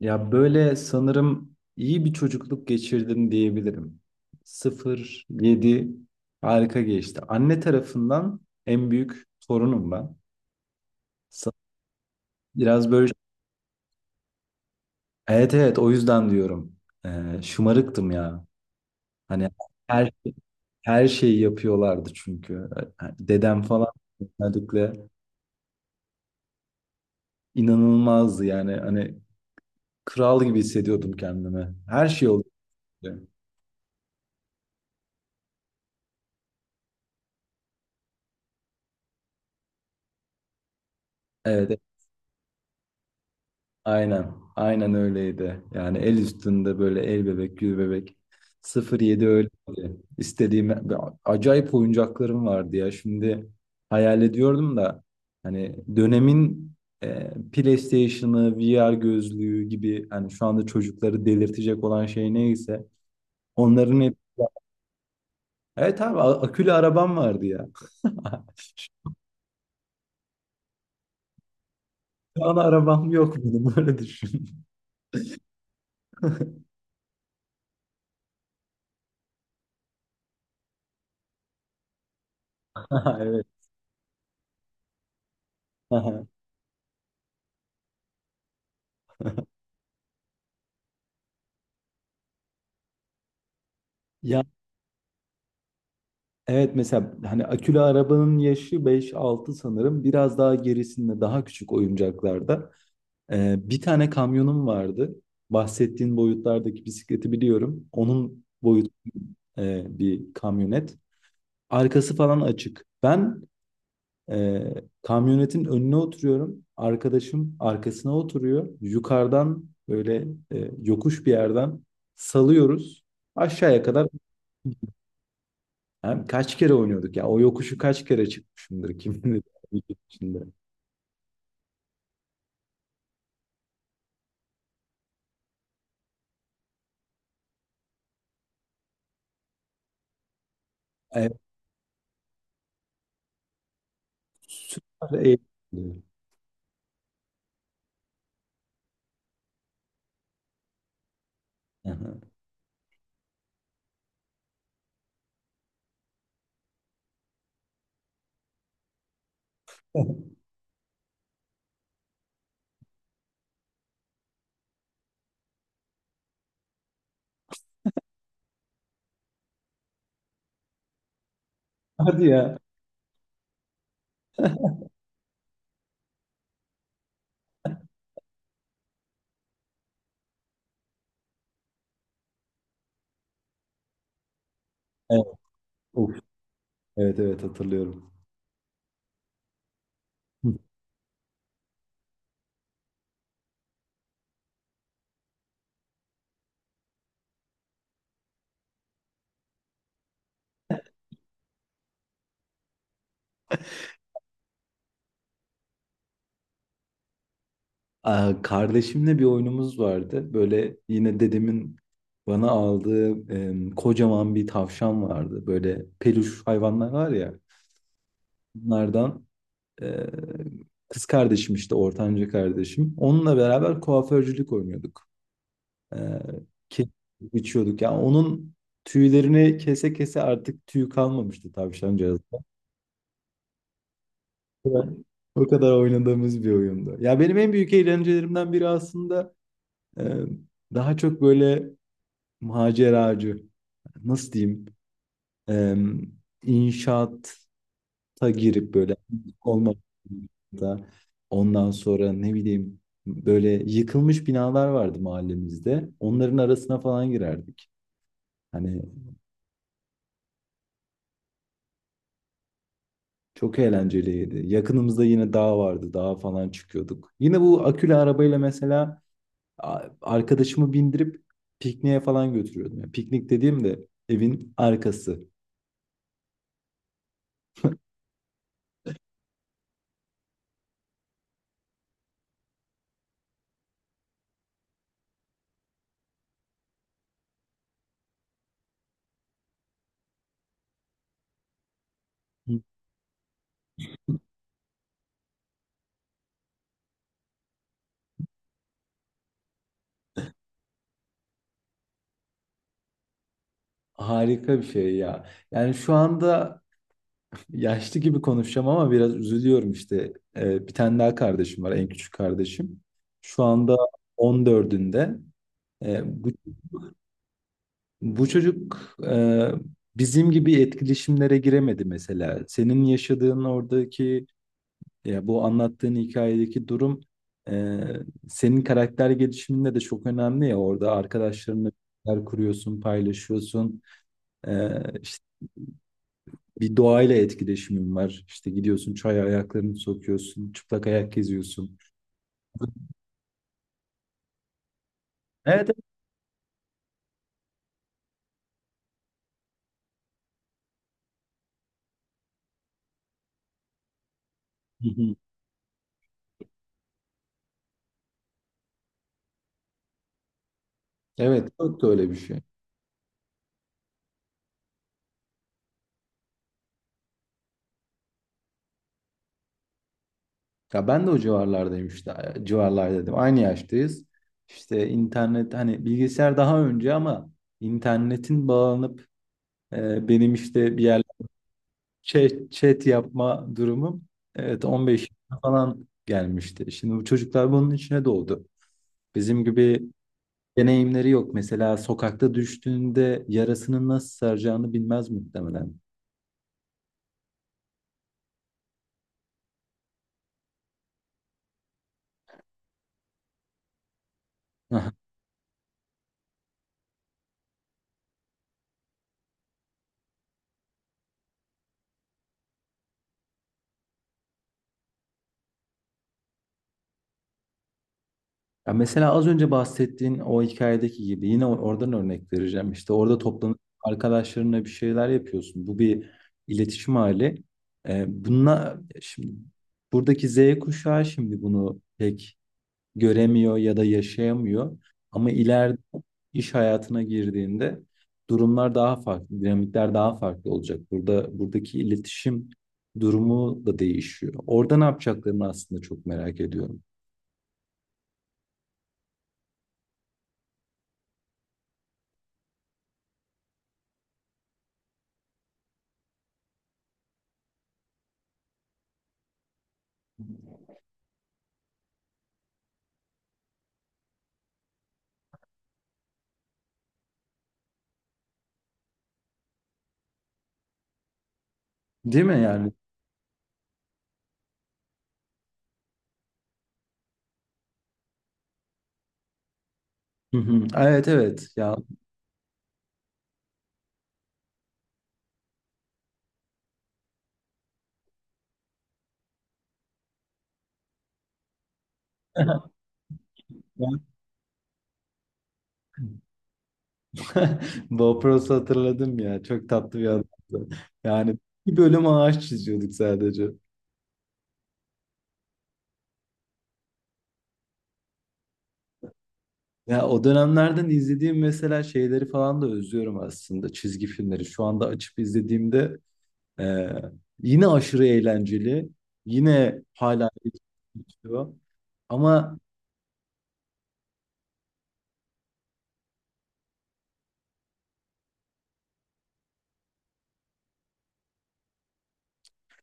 Ya böyle sanırım iyi bir çocukluk geçirdim diyebilirim. 0-7 harika geçti. Anne tarafından en büyük torunum ben. Sa- Biraz böyle evet, evet, o yüzden diyorum. Şımarıktım ya. Hani her şey, her şeyi yapıyorlardı çünkü. Hani dedem falan özellikle inanılmazdı yani. Hani kral gibi hissediyordum kendimi. Her şey oluyordu. Evet, aynen. Aynen öyleydi. Yani el üstünde böyle el bebek, gül bebek. Sıfır yedi öyleydi. İstediğim acayip oyuncaklarım vardı ya. Şimdi hayal ediyorum da hani dönemin PlayStation'ı, VR gözlüğü gibi hani şu anda çocukları delirtecek olan şey neyse onların hep. Evet abi, akülü arabam vardı ya. Şu an arabam yok benim, öyle düşün. Evet. Ya, evet, mesela hani akülü arabanın yaşı beş altı sanırım. Biraz daha gerisinde daha küçük oyuncaklarda. Bir tane kamyonum vardı. Bahsettiğin boyutlardaki bisikleti biliyorum. Onun boyut, bir kamyonet. Arkası falan açık. Ben, e, kamyonetin önüne oturuyorum. Arkadaşım arkasına oturuyor. Yukarıdan böyle yokuş bir yerden salıyoruz. Aşağıya kadar. Abi kaç kere oynuyorduk ya? O yokuşu kaç kere çıkmışımdır, kim bilir, bir içinde. Evet, süper eğlenceli. Aha. Hadi ya. Evet, of. Evet, evet, hatırlıyorum. Hı. Aa, kardeşimle bir oyunumuz vardı. Böyle yine dedemin bana aldığı kocaman bir tavşan vardı. Böyle peluş hayvanlar var ya. Bunlardan e, kız kardeşim işte, ortanca kardeşim. Onunla beraber kuaförcülük oynuyorduk. Ee, Kesip içiyorduk. Yani onun tüylerini kese kese artık tüy kalmamıştı tavşancağızda. O kadar O kadar oynadığımız bir oyundu. Ya benim en büyük eğlencelerimden biri aslında e, daha çok böyle maceracı, nasıl diyeyim, e, inşaata girip böyle olmak da. Ondan sonra ne bileyim, böyle yıkılmış binalar vardı mahallemizde. Onların arasına falan girerdik. Hani, çok eğlenceliydi. Yakınımızda yine dağ vardı. Dağa falan çıkıyorduk. Yine bu akülü arabayla mesela arkadaşımı bindirip pikniğe falan götürüyordum. Yani piknik dediğim de evin arkası. Hı. Harika bir şey ya. Yani şu anda yaşlı gibi konuşacağım ama biraz üzülüyorum işte. Bir tane daha kardeşim var, en küçük kardeşim. Şu anda 14'ünde. Ee, Bu çocuk e, bizim gibi etkileşimlere giremedi mesela. Senin yaşadığın oradaki, ya bu anlattığın hikayedeki durum, e, senin karakter gelişiminde de çok önemli ya. Orada arkadaşlarınla bir şeyler kuruyorsun, paylaşıyorsun. E, işte bir doğayla etkileşimin var. İşte gidiyorsun çaya ayaklarını sokuyorsun, çıplak ayak geziyorsun. Evet. Evet. Hı hı. Evet, çok da öyle bir şey. Ya ben de o civarlardayım işte. Civarlar dedim, aynı yaştayız. İşte internet, hani bilgisayar daha önce ama internetin bağlanıp benim işte bir yer chat yapma durumum evet 15 yaşına falan gelmişti. Şimdi bu çocuklar bunun içine doğdu. Bizim gibi deneyimleri yok. Mesela sokakta düştüğünde yarasını nasıl saracağını bilmez muhtemelen. Ya mesela az önce bahsettiğin o hikayedeki gibi yine oradan örnek vereceğim. İşte orada toplanıp arkadaşlarınla bir şeyler yapıyorsun. Bu bir iletişim hali. Bununla şimdi buradaki Z kuşağı şimdi bunu pek göremiyor ya da yaşayamıyor. Ama ileride iş hayatına girdiğinde durumlar daha farklı, dinamikler daha farklı olacak. Buradaki iletişim durumu da değişiyor. Orada ne yapacaklarını aslında çok merak ediyorum. Değil mi yani? Hı hı. Evet, evet ya. Bob Ross'u hatırladım ya. Çok tatlı bir adamdı. Yani bir bölüm ağaç çiziyorduk sadece. Ya o dönemlerden izlediğim mesela şeyleri falan da özlüyorum aslında, çizgi filmleri. Şu anda açıp izlediğimde e, yine aşırı eğlenceli. Yine hala geçiyor. Ama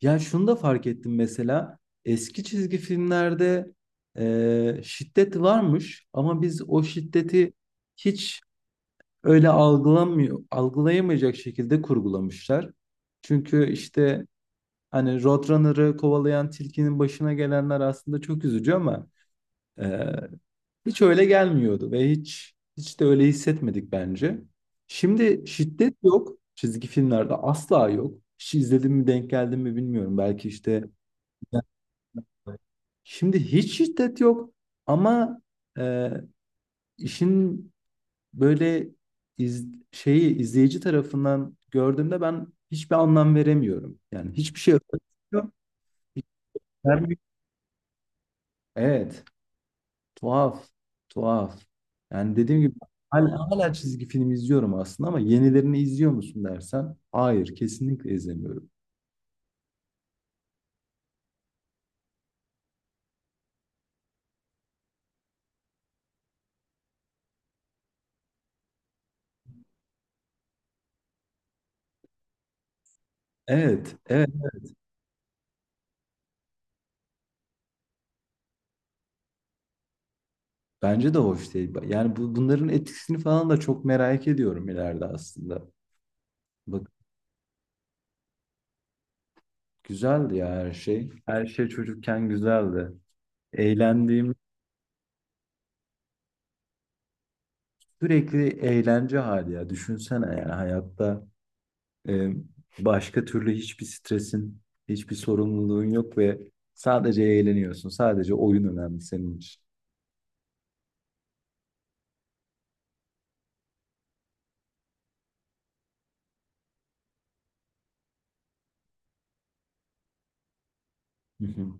yani şunu da fark ettim mesela, eski çizgi filmlerde şiddet varmış ama biz o şiddeti hiç öyle algılamıyor, algılayamayacak şekilde kurgulamışlar. Çünkü işte hani Roadrunner'ı kovalayan tilkinin başına gelenler aslında çok üzücü ama e, hiç öyle gelmiyordu ve hiç de öyle hissetmedik bence. Şimdi şiddet yok çizgi filmlerde, asla yok. Hiç izledim mi, denk geldim mi bilmiyorum. Belki işte şimdi hiç şiddet yok ama e, işin böyle şeyi izleyici tarafından gördüğümde ben hiçbir anlam veremiyorum. Yani hiçbir şey öğretmiyor. Hiçbir- Evet, tuhaf, tuhaf. Yani dediğim gibi, hala, hala çizgi film izliyorum aslında ama yenilerini izliyor musun dersen hayır, kesinlikle izlemiyorum. Evet, evet. Bence de hoş değil. Yani bu, bunların etkisini falan da çok merak ediyorum ileride aslında. Güzeldi ya her şey. Her şey çocukken güzeldi. Eğlendiğim, sürekli eğlence hali ya. Düşünsene yani hayatta e, başka türlü hiçbir stresin, hiçbir sorumluluğun yok ve sadece eğleniyorsun. Sadece oyun önemli senin için. Hı hı.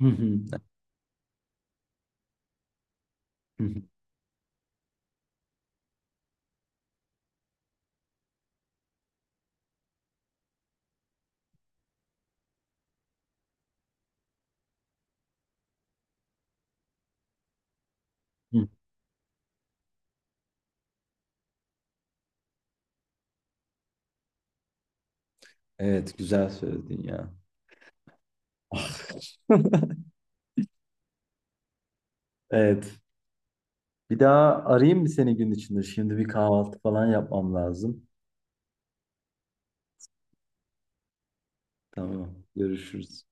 Hı hı. Hı hı. Hı. Evet, güzel söyledin ya. Evet. Bir daha arayayım mı seni gün içinde? Şimdi bir kahvaltı falan yapmam lazım. Tamam. Görüşürüz.